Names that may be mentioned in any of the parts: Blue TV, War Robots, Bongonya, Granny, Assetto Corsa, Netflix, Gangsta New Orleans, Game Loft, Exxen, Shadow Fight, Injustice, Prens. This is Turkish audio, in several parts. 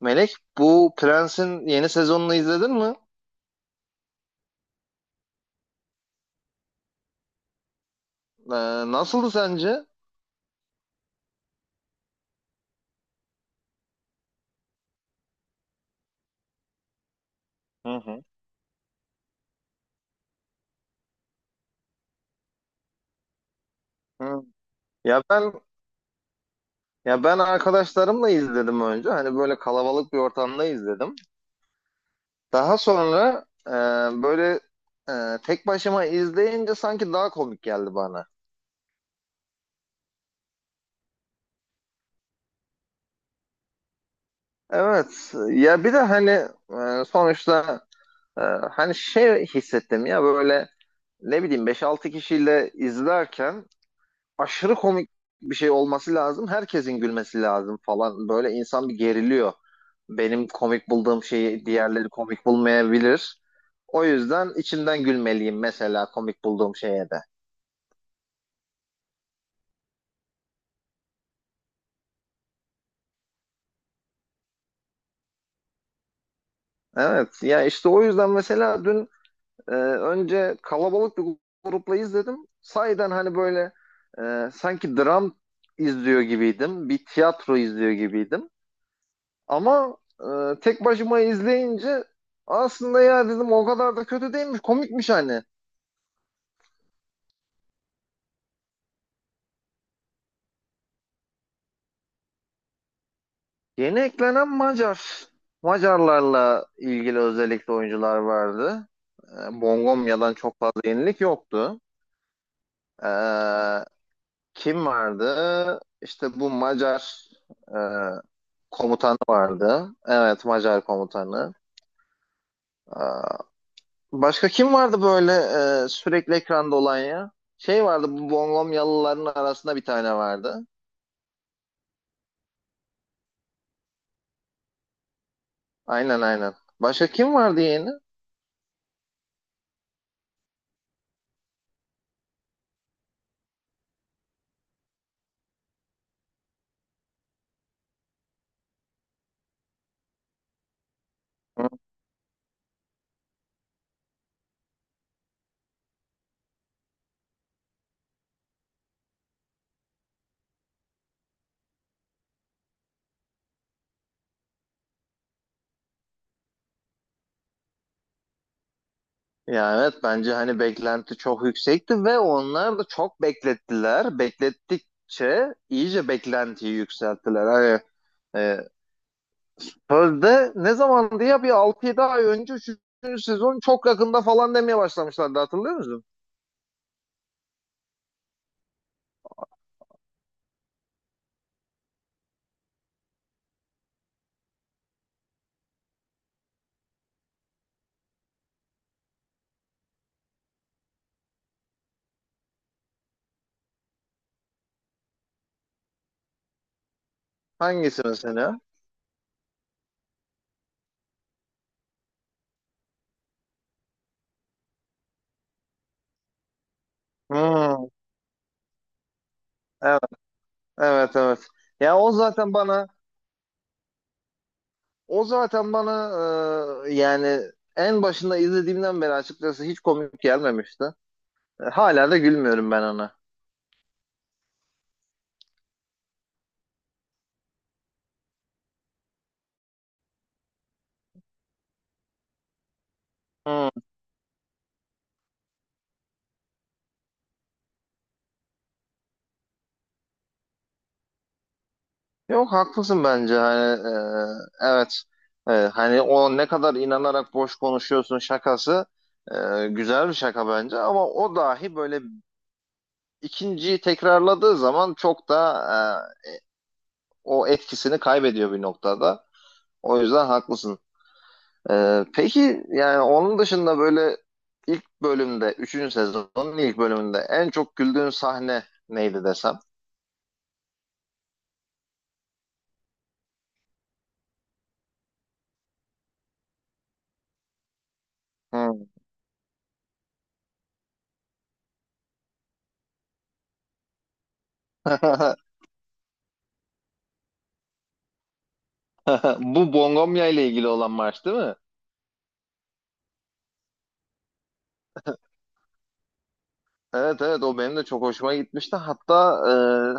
Melek, bu Prens'in yeni sezonunu izledin mi? Ee, nasıldı sence? Hı hı. Hı. Ya ben ya ben arkadaşlarımla izledim önce. Hani böyle kalabalık bir ortamda izledim. Daha sonra böyle tek başıma izleyince sanki daha komik geldi bana. Evet. Ya bir de hani sonuçta e, hani şey hissettim ya böyle ne bileyim beş altı kişiyle izlerken aşırı komik bir şey olması lazım. Herkesin gülmesi lazım falan. Böyle insan bir geriliyor. Benim komik bulduğum şeyi diğerleri komik bulmayabilir. O yüzden içimden gülmeliyim mesela komik bulduğum şeye de. Evet ya işte o yüzden mesela dün önce kalabalık bir grupla izledim. Sahiden hani böyle sanki dram izliyor gibiydim. Bir tiyatro izliyor gibiydim. Ama tek başıma izleyince aslında ya dedim o kadar da kötü değilmiş, komikmiş hani. Yeni eklenen Macar. Macarlarla ilgili özellikle oyuncular vardı. Bongomya'dan çok fazla yenilik yoktu. E, kim vardı? İşte bu Macar e, komutanı vardı. Evet, Macar komutanı. E, başka kim vardı böyle sürekli ekranda olan ya? Şey vardı, bu Bongomyalıların arasında bir tane vardı. Aynen, aynen. Başka kim vardı yeni? Hı. Ya, evet, bence hani beklenti çok yüksekti ve onlar da çok beklettiler. Beklettikçe iyice beklentiyi yükselttiler. Hani e, sözde ne zamandı ya, bir 6-7 ay önce 3. sezon çok yakında falan demeye başlamışlardı, hatırlıyor musun? Hangisi mesela? Hmm, evet, evet, evet. Ya, o zaten bana yani en başında izlediğimden beri açıkçası hiç komik gelmemişti. Hala da gülmüyorum ben ona. Hmm. Yok, haklısın bence, hani evet. Hani o ne kadar inanarak boş konuşuyorsun şakası güzel bir şaka bence, ama o dahi böyle ikinciyi tekrarladığı zaman çok da o etkisini kaybediyor bir noktada. O yüzden haklısın. Peki yani onun dışında böyle ilk bölümde, üçüncü sezonun ilk bölümünde en çok güldüğün sahne neydi desem? Hmm. Bu Bongonya ile ilgili olan maç değil mi? Evet, evet, o benim de çok hoşuma gitmişti. Hatta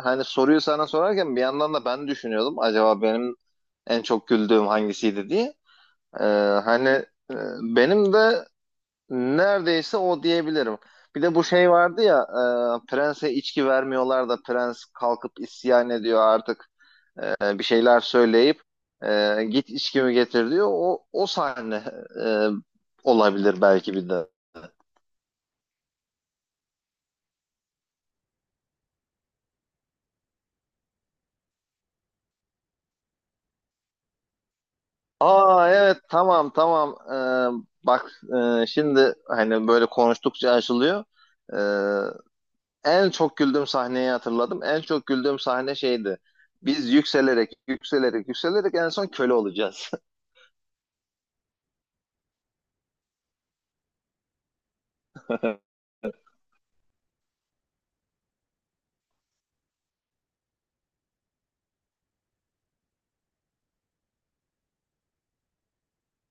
hani soruyu sana sorarken bir yandan da ben düşünüyordum. Acaba benim en çok güldüğüm hangisiydi diye. E, Hani e, benim de neredeyse o diyebilirim. Bir de bu şey vardı ya, prense içki vermiyorlar da prens kalkıp isyan ediyor artık, bir şeyler söyleyip git içkimi getir diyor. O sahne e, olabilir belki bir de. Aa, evet, tamam, tamam. Bak, şimdi hani böyle konuştukça açılıyor. Ee, en çok güldüğüm sahneyi hatırladım. En çok güldüğüm sahne şeydi. Biz yükselerek yükselerek yükselerek en son köle olacağız.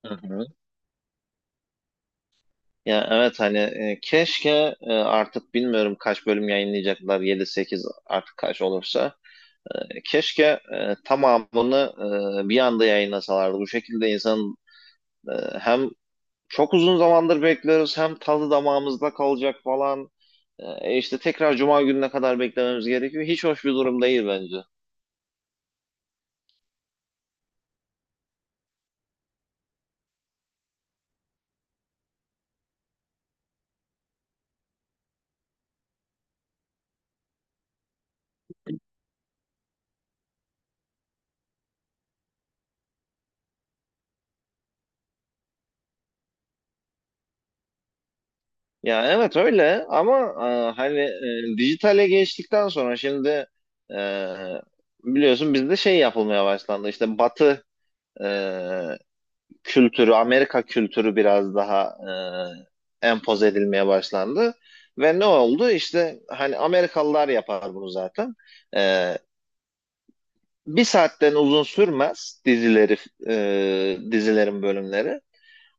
Hı hı. Ya, evet, hani keşke artık bilmiyorum kaç bölüm yayınlayacaklar, yedi sekiz, artık kaç olursa. Keşke tamamını bir anda yayınlasalardı. Bu şekilde insan e, hem çok uzun zamandır bekliyoruz. Hem tadı damağımızda kalacak falan. E, işte tekrar cuma gününe kadar beklememiz gerekiyor. Hiç hoş bir durum değil bence. Ya, evet öyle, ama hani dijitale geçtikten sonra şimdi e, biliyorsun bizde şey yapılmaya başlandı. İşte Batı e, kültürü, Amerika kültürü biraz daha empoze edilmeye başlandı. Ve ne oldu? İşte hani Amerikalılar yapar bunu zaten. E, bir saatten uzun sürmez dizileri, dizilerin bölümleri,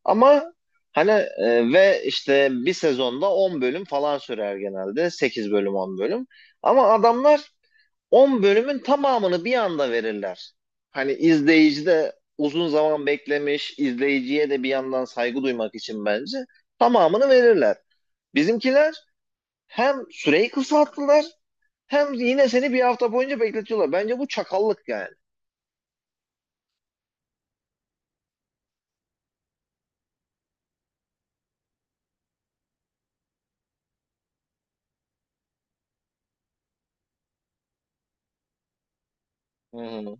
ama hani ve işte bir sezonda 10 bölüm falan sürer genelde, 8 bölüm, 10 bölüm, ama adamlar 10 bölümün tamamını bir anda verirler. Hani izleyici de, uzun zaman beklemiş izleyiciye de bir yandan saygı duymak için bence tamamını verirler. Bizimkiler hem süreyi kısalttılar, hem yine seni bir hafta boyunca bekletiyorlar. Bence bu çakallık yani. Hı hı.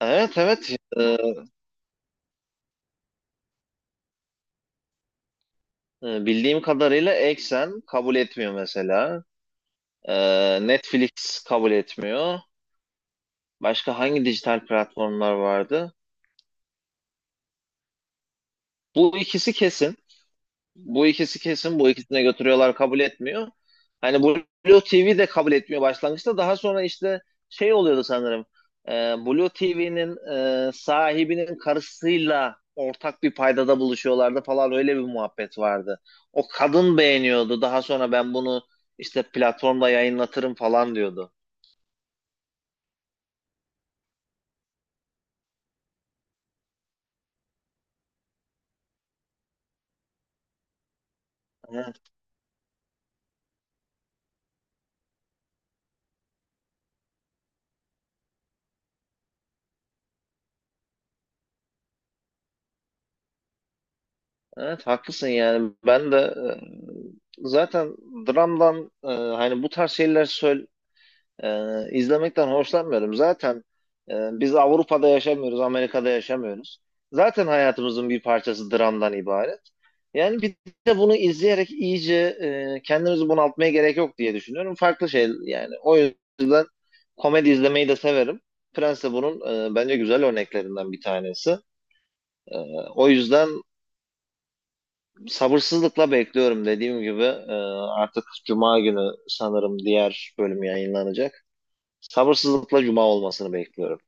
Evet, evet. Bildiğim kadarıyla Exxen kabul etmiyor mesela. Netflix kabul etmiyor. Başka hangi dijital platformlar vardı? Bu ikisi kesin. Bu ikisi kesin, bu ikisine götürüyorlar, kabul etmiyor. Hani Blue TV de kabul etmiyor başlangıçta. Daha sonra işte şey oluyordu sanırım. E, Blue TV'nin sahibinin karısıyla ortak bir paydada buluşuyorlardı falan, öyle bir muhabbet vardı. O kadın beğeniyordu. Daha sonra ben bunu işte platformda yayınlatırım falan diyordu. Evet, evet, haklısın yani. Ben de zaten dramdan, hani bu tarz şeyler söyle, izlemekten hoşlanmıyorum. Zaten biz Avrupa'da yaşamıyoruz, Amerika'da yaşamıyoruz. Zaten hayatımızın bir parçası dramdan ibaret. Yani bir de bunu izleyerek iyice kendimizi bunaltmaya gerek yok diye düşünüyorum. Farklı şey yani. O yüzden komedi izlemeyi de severim. Prens de bunun bence güzel örneklerinden bir tanesi. E, o yüzden sabırsızlıkla bekliyorum, dediğim gibi. Artık Cuma günü sanırım diğer bölüm yayınlanacak. Sabırsızlıkla cuma olmasını bekliyorum.